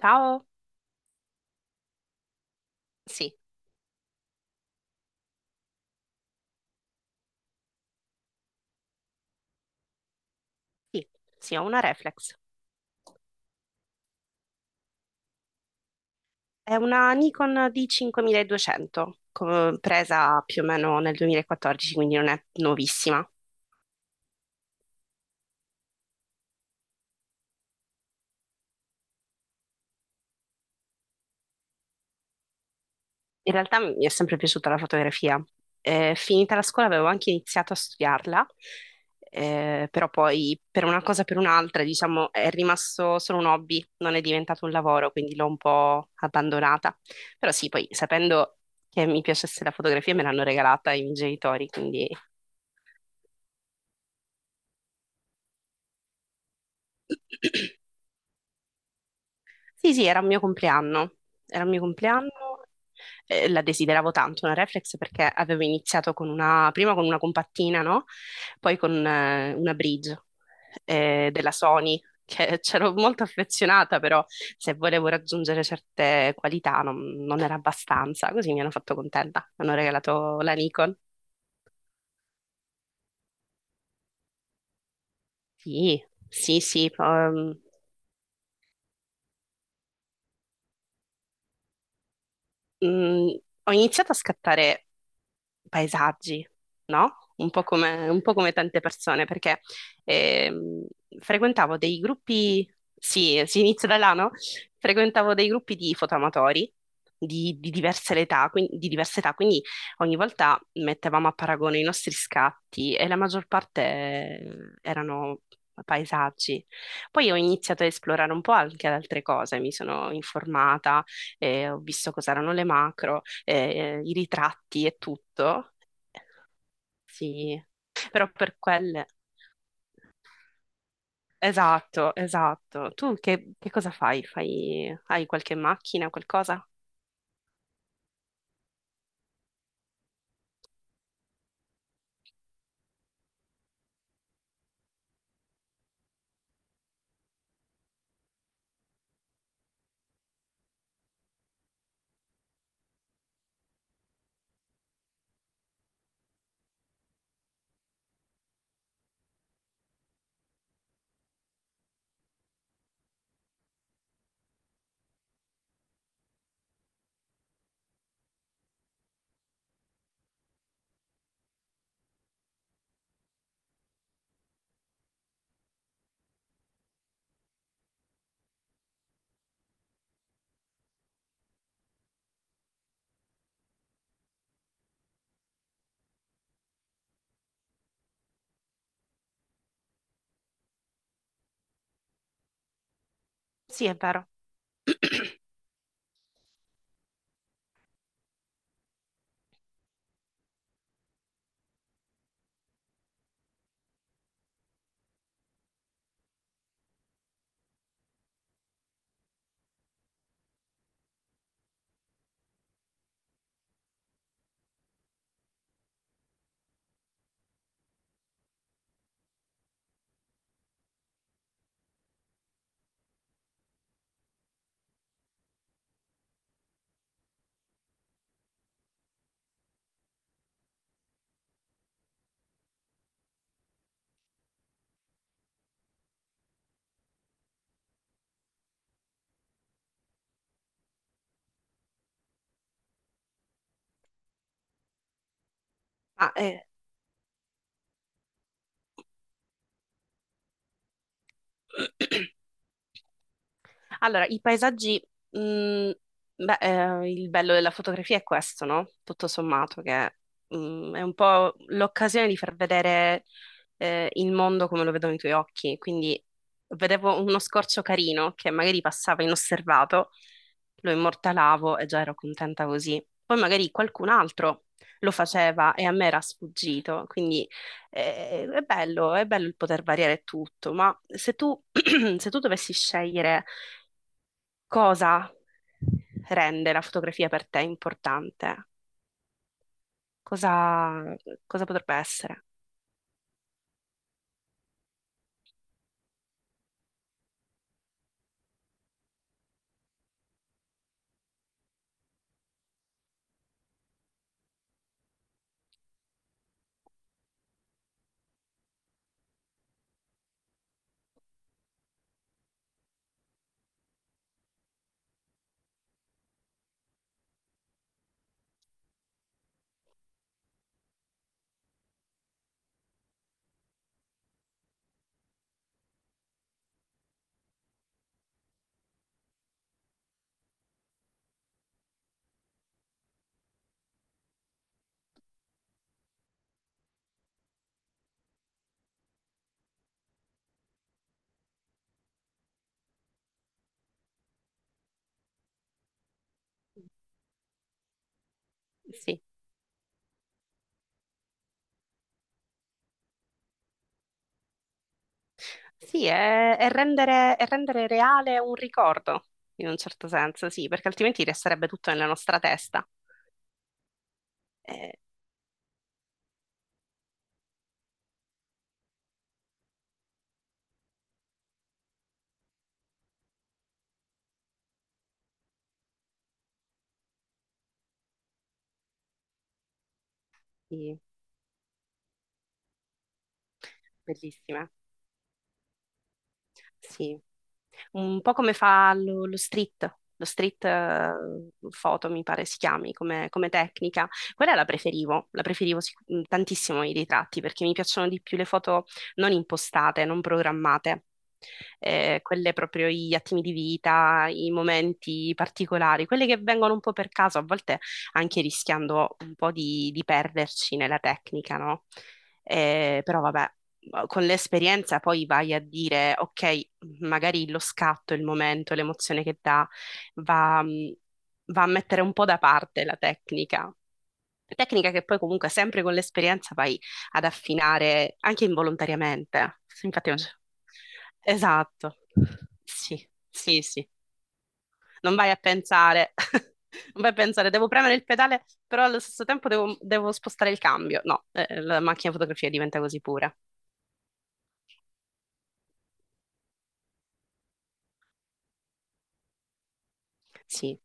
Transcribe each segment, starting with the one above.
Ciao? Sì, sì, sì, ho una reflex. È una Nikon D5200, presa più o meno nel 2014, quindi non è nuovissima. In realtà mi è sempre piaciuta la fotografia. Finita la scuola avevo anche iniziato a studiarla, però poi per una cosa o per un'altra, diciamo, è rimasto solo un hobby, non è diventato un lavoro, quindi l'ho un po' abbandonata. Però sì, poi sapendo che mi piacesse la fotografia me l'hanno regalata i miei genitori, quindi... Sì, sì, era il mio compleanno, era il mio compleanno, la desideravo tanto una reflex perché avevo iniziato con una, prima con una compattina, no? Poi con una bridge della Sony, che c'ero molto affezionata, però se volevo raggiungere certe qualità non, non era abbastanza, così mi hanno fatto contenta, mi hanno regalato la Nikon. Sì, sì, sì, mm, ho iniziato a scattare paesaggi, no? Un po' come tante persone, perché ehm, frequentavo dei gruppi, sì, si inizia da là, no? Frequentavo dei gruppi di fotoamatori di diverse età, quindi, di diverse età, quindi ogni volta mettevamo a paragone i nostri scatti e la maggior parte erano paesaggi. Poi ho iniziato a esplorare un po' anche ad altre cose, mi sono informata, ho visto cos'erano le macro i ritratti e tutto. Sì, però per quelle... Esatto, esatto. Tu che cosa fai? Fai... Hai qualche macchina, qualcosa? Sì, è vero. Ah, eh. Allora, i paesaggi, mh, beh, il bello della fotografia è questo, no? Tutto sommato, che è un po' l'occasione di far vedere il mondo come lo vedono i tuoi occhi. Quindi vedevo uno scorcio carino che magari passava inosservato, lo immortalavo e già ero contenta così. Poi magari qualcun altro lo faceva e a me era sfuggito. Quindi è bello il poter variare tutto, ma se tu, se tu dovessi scegliere cosa rende la fotografia per te importante? Cosa, cosa potrebbe essere? Sì, sì, è rendere reale un ricordo, in un certo senso, sì, perché altrimenti resterebbe tutto nella nostra testa. Eh, sì, bellissima. Sì, un po' come fa lo street photo mi pare si chiami come, come tecnica. Quella la preferivo tantissimo i ritratti perché mi piacciono di più le foto non impostate, non programmate. Quelle proprio gli attimi di vita, i momenti particolari, quelle che vengono un po' per caso, a volte anche rischiando un po' di perderci nella tecnica, no? Però vabbè con l'esperienza poi vai a dire, ok, magari lo scatto, il momento, l'emozione che dà, va, va a mettere un po' da parte la tecnica. Tecnica che poi comunque sempre con l'esperienza vai ad affinare anche involontariamente. Infatti, non c'è- esatto. Sì, sì, sì. Non vai a pensare, non vai a pensare, devo premere il pedale, però allo stesso tempo devo spostare il cambio. No, la macchina fotografia diventa così pura. Sì,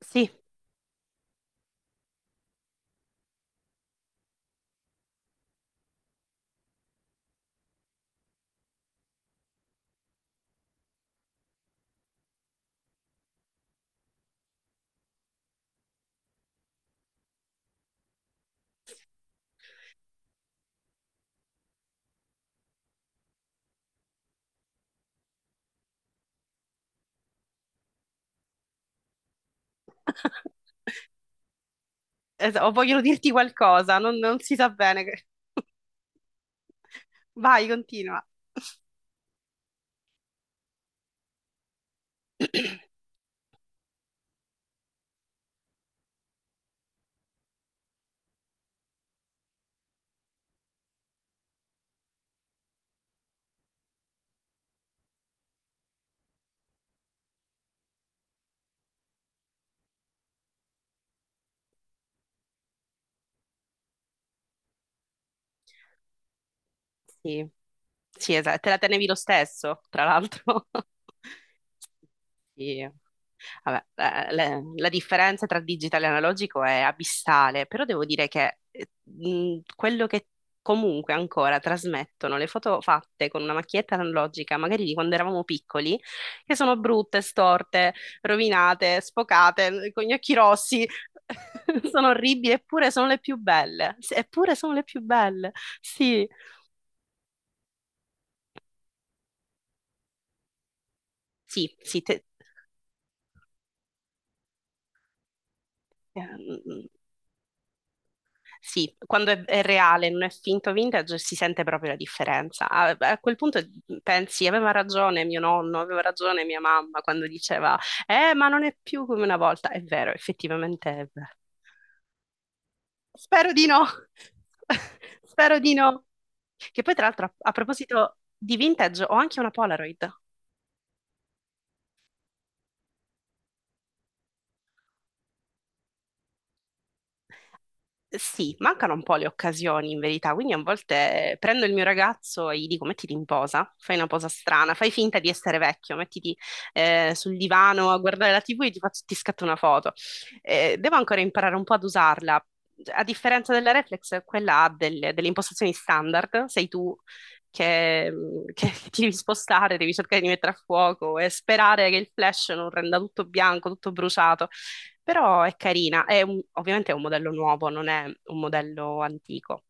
sì, es- o vogliono dirti qualcosa, non, non si sa bene. Vai, continua. Sì, sì, esatto, te la tenevi lo stesso, tra l'altro. Sì. Vabbè, la differenza tra digitale e analogico è abissale, però devo dire che quello che comunque ancora trasmettono le foto fatte con una macchietta analogica, magari di quando eravamo piccoli, che sono brutte, storte, rovinate, sfocate, con gli occhi rossi, sono orribili, eppure sono le più belle. Sì, eppure sono le più belle. Sì, sì, sì. Eh, Sì, quando è reale, non è finto vintage, si sente proprio la differenza. A, a quel punto pensi, aveva ragione mio nonno, aveva ragione mia mamma quando diceva, ma non è più come una volta. È vero, effettivamente è vero. Spero di no, spero di no. Che poi, tra l'altro, a, a proposito di vintage, ho anche una Polaroid. Sì, mancano un po' le occasioni in verità, quindi a volte prendo il mio ragazzo e gli dico mettiti in posa, fai una posa strana, fai finta di essere vecchio, mettiti sul divano a guardare la TV e ti scatto una foto. Devo ancora imparare un po' ad usarla. A differenza della reflex, quella ha delle, delle impostazioni standard, sei tu che, che ti devi spostare, devi cercare di mettere a fuoco e sperare che il flash non renda tutto bianco, tutto bruciato. Però è carina, ovviamente è un modello nuovo, non è un modello antico.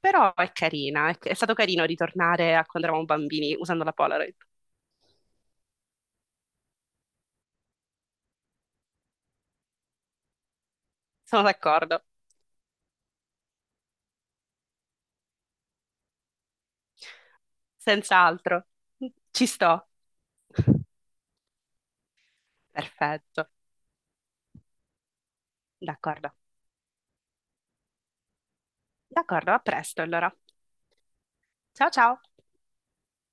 Però è carina, è stato carino ritornare a quando eravamo bambini usando la Polaroid. Sono d'accordo, senz'altro. Ci sto. Perfetto, d'accordo. D'accordo, a presto allora. Ciao ciao.